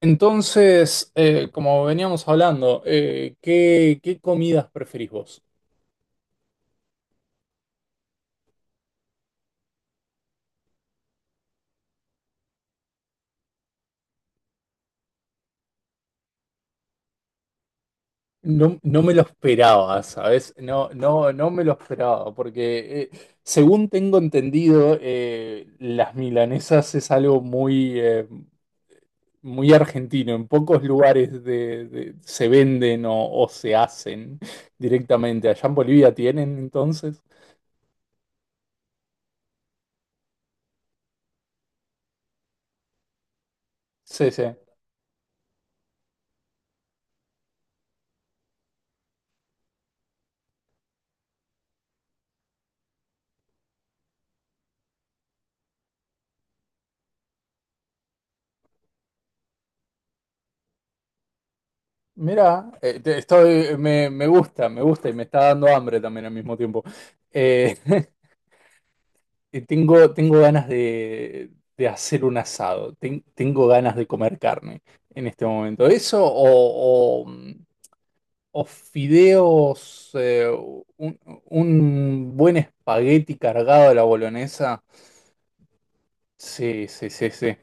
Entonces, como veníamos hablando, qué comidas preferís vos? No, no me lo esperaba, ¿sabes? No me lo esperaba, porque según tengo entendido, las milanesas es algo muy, muy argentino. En pocos lugares se venden o se hacen directamente. Allá en Bolivia tienen, entonces. Sí, sí. Mira, estoy, me gusta y me está dando hambre también al mismo tiempo. Eh, y tengo ganas de hacer un asado. Tengo ganas de comer carne en este momento. Eso o fideos, un, un buen espagueti cargado a la bolonesa. Sí, sí, sí, sí.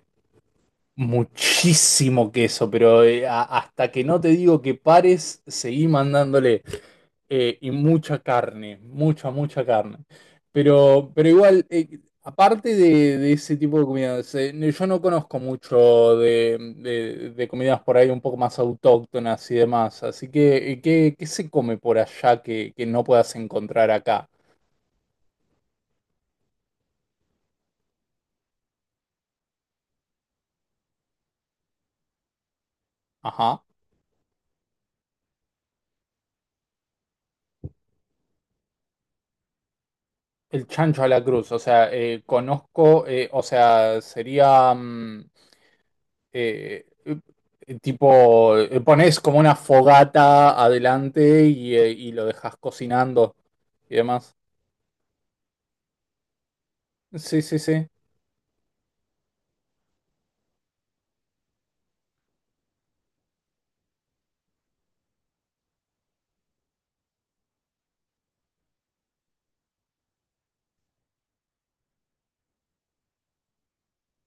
Muchísimo queso, pero hasta que no te digo que pares, seguí mandándole. Y mucha carne, mucha, mucha carne. Pero igual, aparte de, ese tipo de comidas, yo no conozco mucho de comidas por ahí un poco más autóctonas y demás. Así que, qué se come por allá que no puedas encontrar acá? Ajá. El chancho a la cruz, o sea, conozco, o sea, sería... mm, eh, tipo, pones como una fogata adelante y lo dejas cocinando y demás. Sí, sí, sí.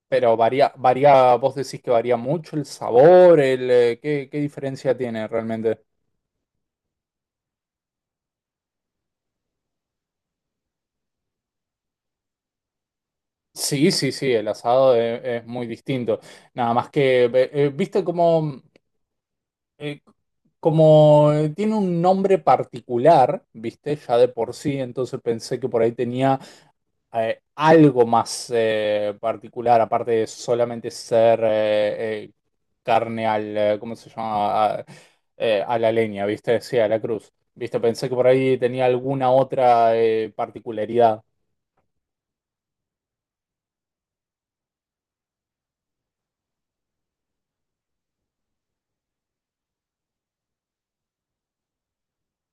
Pero varía, varía, vos decís que varía mucho el sabor, el, qué diferencia tiene realmente? Sí, sí, sí, el asado es muy distinto. Nada más que, viste como, eh, tiene un nombre particular, viste, ya de por sí, entonces pensé que por ahí tenía algo más particular, aparte de solamente ser carne al, ¿cómo se llama? A la leña, ¿viste? Sí, a la cruz. ¿Viste? Pensé que por ahí tenía alguna otra particularidad.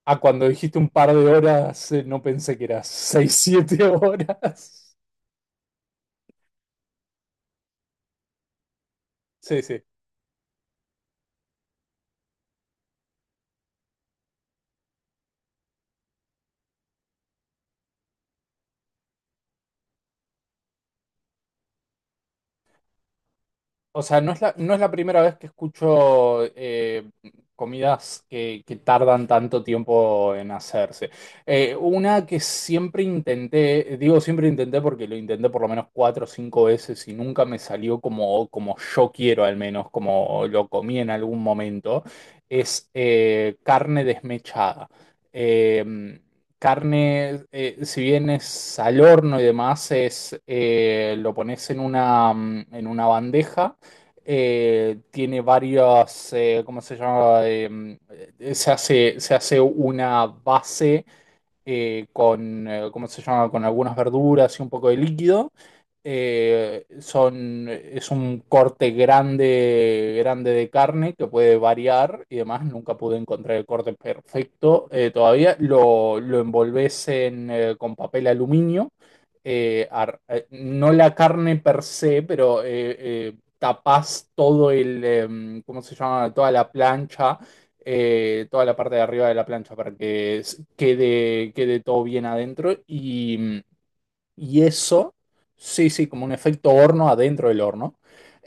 Ah, cuando dijiste un par de horas, no pensé que eran 6 o 7 horas. Sí, sí. O sea, no es la, no es la primera vez que escucho comidas que tardan tanto tiempo en hacerse. Una que siempre intenté, digo siempre intenté porque lo intenté por lo menos cuatro o cinco veces y nunca me salió como, como yo quiero, al menos como lo comí en algún momento, es carne desmechada. Eh, Carne, si bien es al horno y demás, es, lo pones en una, en una bandeja tiene varios, ¿cómo se llama? Se hace una base ¿cómo se llama? Con algunas verduras y un poco de líquido. Es un corte grande, grande de carne que puede variar y demás. Nunca pude encontrar el corte perfecto todavía. Lo envolves en, con papel aluminio. No la carne per se, pero tapás todo el, ¿cómo se llama? Toda la plancha, toda la parte de arriba de la plancha para que quede, quede todo bien adentro y eso, sí, sí, como un efecto horno adentro del horno.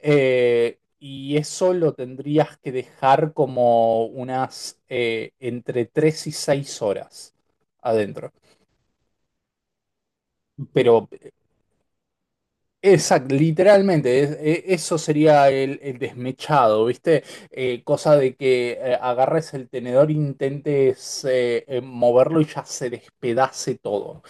Y eso lo tendrías que dejar como unas entre 3 y 6 horas adentro. Pero exacto, literalmente, eso sería el desmechado, ¿viste? Cosa de que agarres el tenedor, intentes moverlo y ya se despedace todo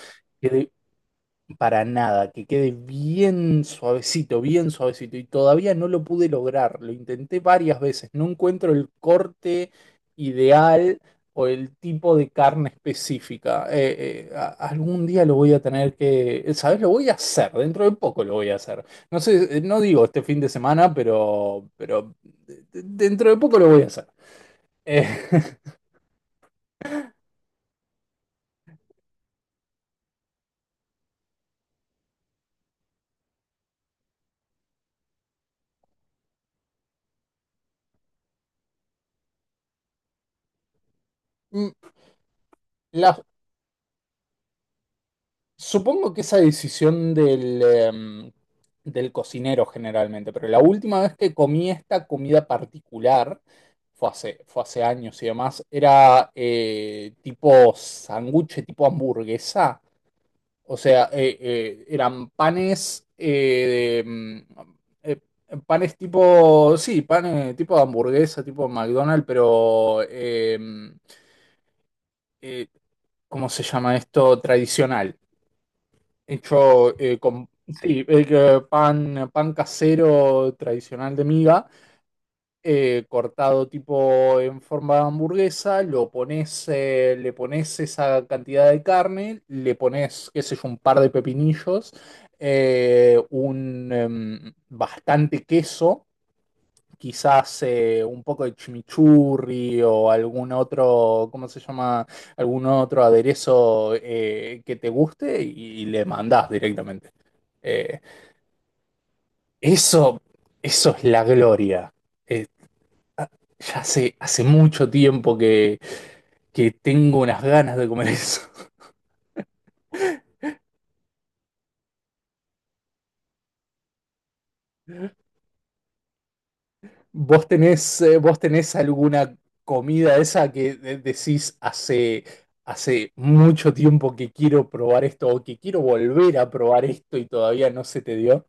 para nada, que quede bien suavecito, bien suavecito. Y todavía no lo pude lograr. Lo intenté varias veces. No encuentro el corte ideal o el tipo de carne específica. Algún día lo voy a tener que, ¿sabes? Lo voy a hacer. Dentro de poco lo voy a hacer. No sé, no digo este fin de semana, pero dentro de poco lo voy a hacer. Eh, La supongo que esa decisión del, del cocinero generalmente, pero la última vez que comí esta comida particular, fue hace años y demás, era tipo sanguche, tipo hamburguesa. O sea, eran panes, de, mm, eh, panes tipo, sí, panes tipo de hamburguesa, tipo McDonald's, pero, eh, ¿cómo se llama esto? Tradicional. Hecho con sí, pan casero tradicional de miga, cortado tipo en forma de hamburguesa, lo pones, le pones esa cantidad de carne, le pones, qué sé yo, un par de pepinillos, bastante queso quizás un poco de chimichurri o algún otro, ¿cómo se llama? Algún otro aderezo que te guste y le mandás directamente. Eh, eso, eso es la gloria. Eh, hace mucho tiempo que tengo unas ganas de comer eso. Vos tenés alguna comida esa que decís hace mucho tiempo que quiero probar esto o que quiero volver a probar esto y todavía no se te dio?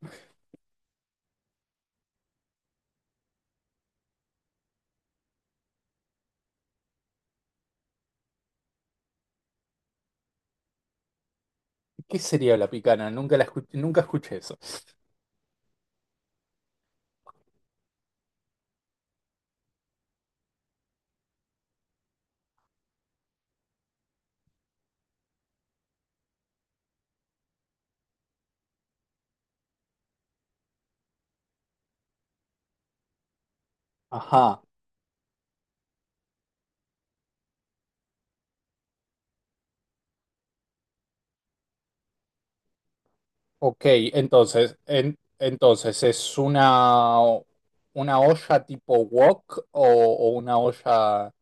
¿Qué sería la picana? Nunca escuché eso. Ajá, ok, entonces ¿es una olla tipo wok o una olla...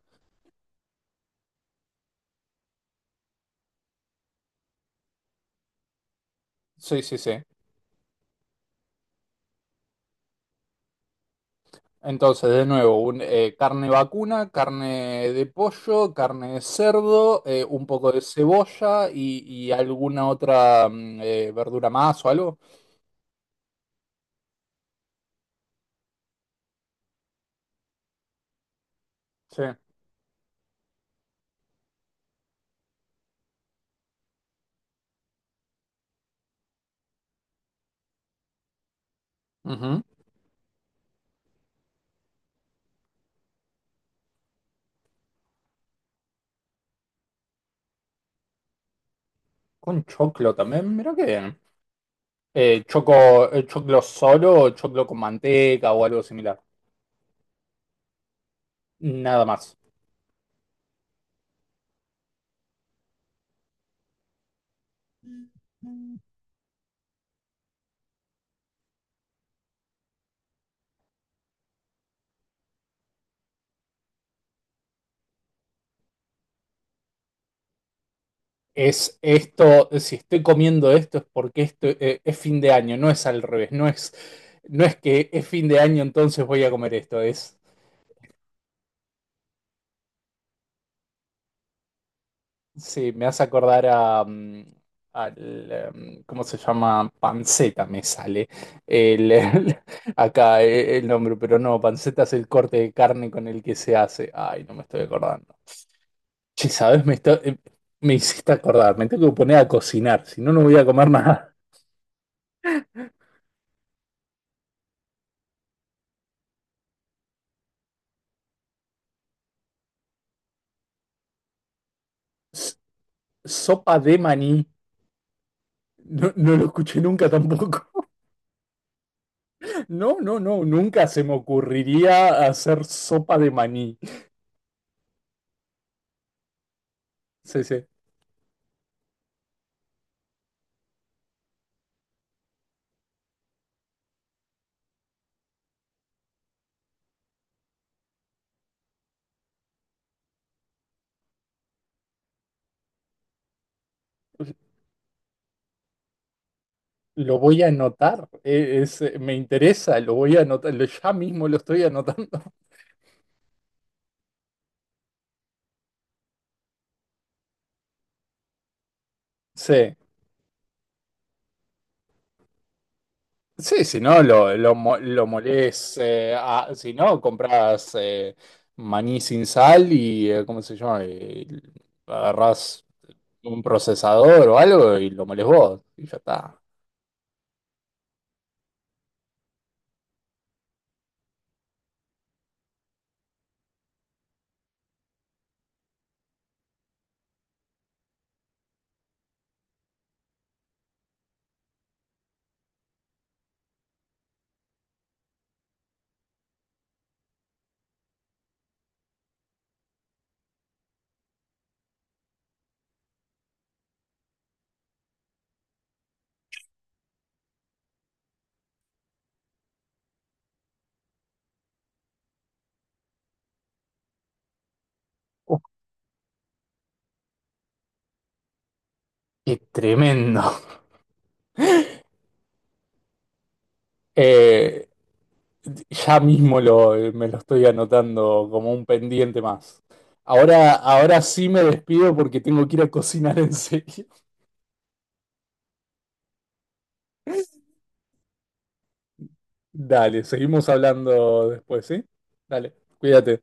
Sí, sí, sí. Entonces, de nuevo, carne vacuna, carne de pollo, carne de cerdo, un poco de cebolla y alguna otra verdura más o algo. Sí. Ujú. Con choclo también, mira qué bien. Eh, choco, choclo solo o choclo con manteca o algo similar. Nada más. Es esto, si estoy comiendo esto es porque esto, es fin de año, no es al revés, no es, no es que es fin de año entonces voy a comer esto, es... Sí, me hace acordar a, ¿cómo se llama? Panceta me sale el, el- acá el nombre, pero no, panceta es el corte de carne con el que se hace. Ay, no me estoy acordando. Che, ¿sabes? Me hiciste acordar, me tengo que poner a cocinar, si no, no voy a comer nada. S- Sopa de maní, no, no lo escuché nunca tampoco. No, no, no, nunca se me ocurriría hacer sopa de maní. Sí, sí. Lo voy a anotar, me interesa, lo voy a anotar, ya mismo lo estoy anotando. Sí, sí, si no, lo molés, si no, compras maní sin sal y, ¿cómo se llama? Y agarrás un procesador o algo y lo molés vos, y ya está. Uh, qué tremendo. Eh, ya mismo lo, me lo estoy anotando como un pendiente más. Ahora, ahora sí me despido porque tengo que ir a cocinar en serio. Dale, seguimos hablando después, ¿sí? Dale, cuídate.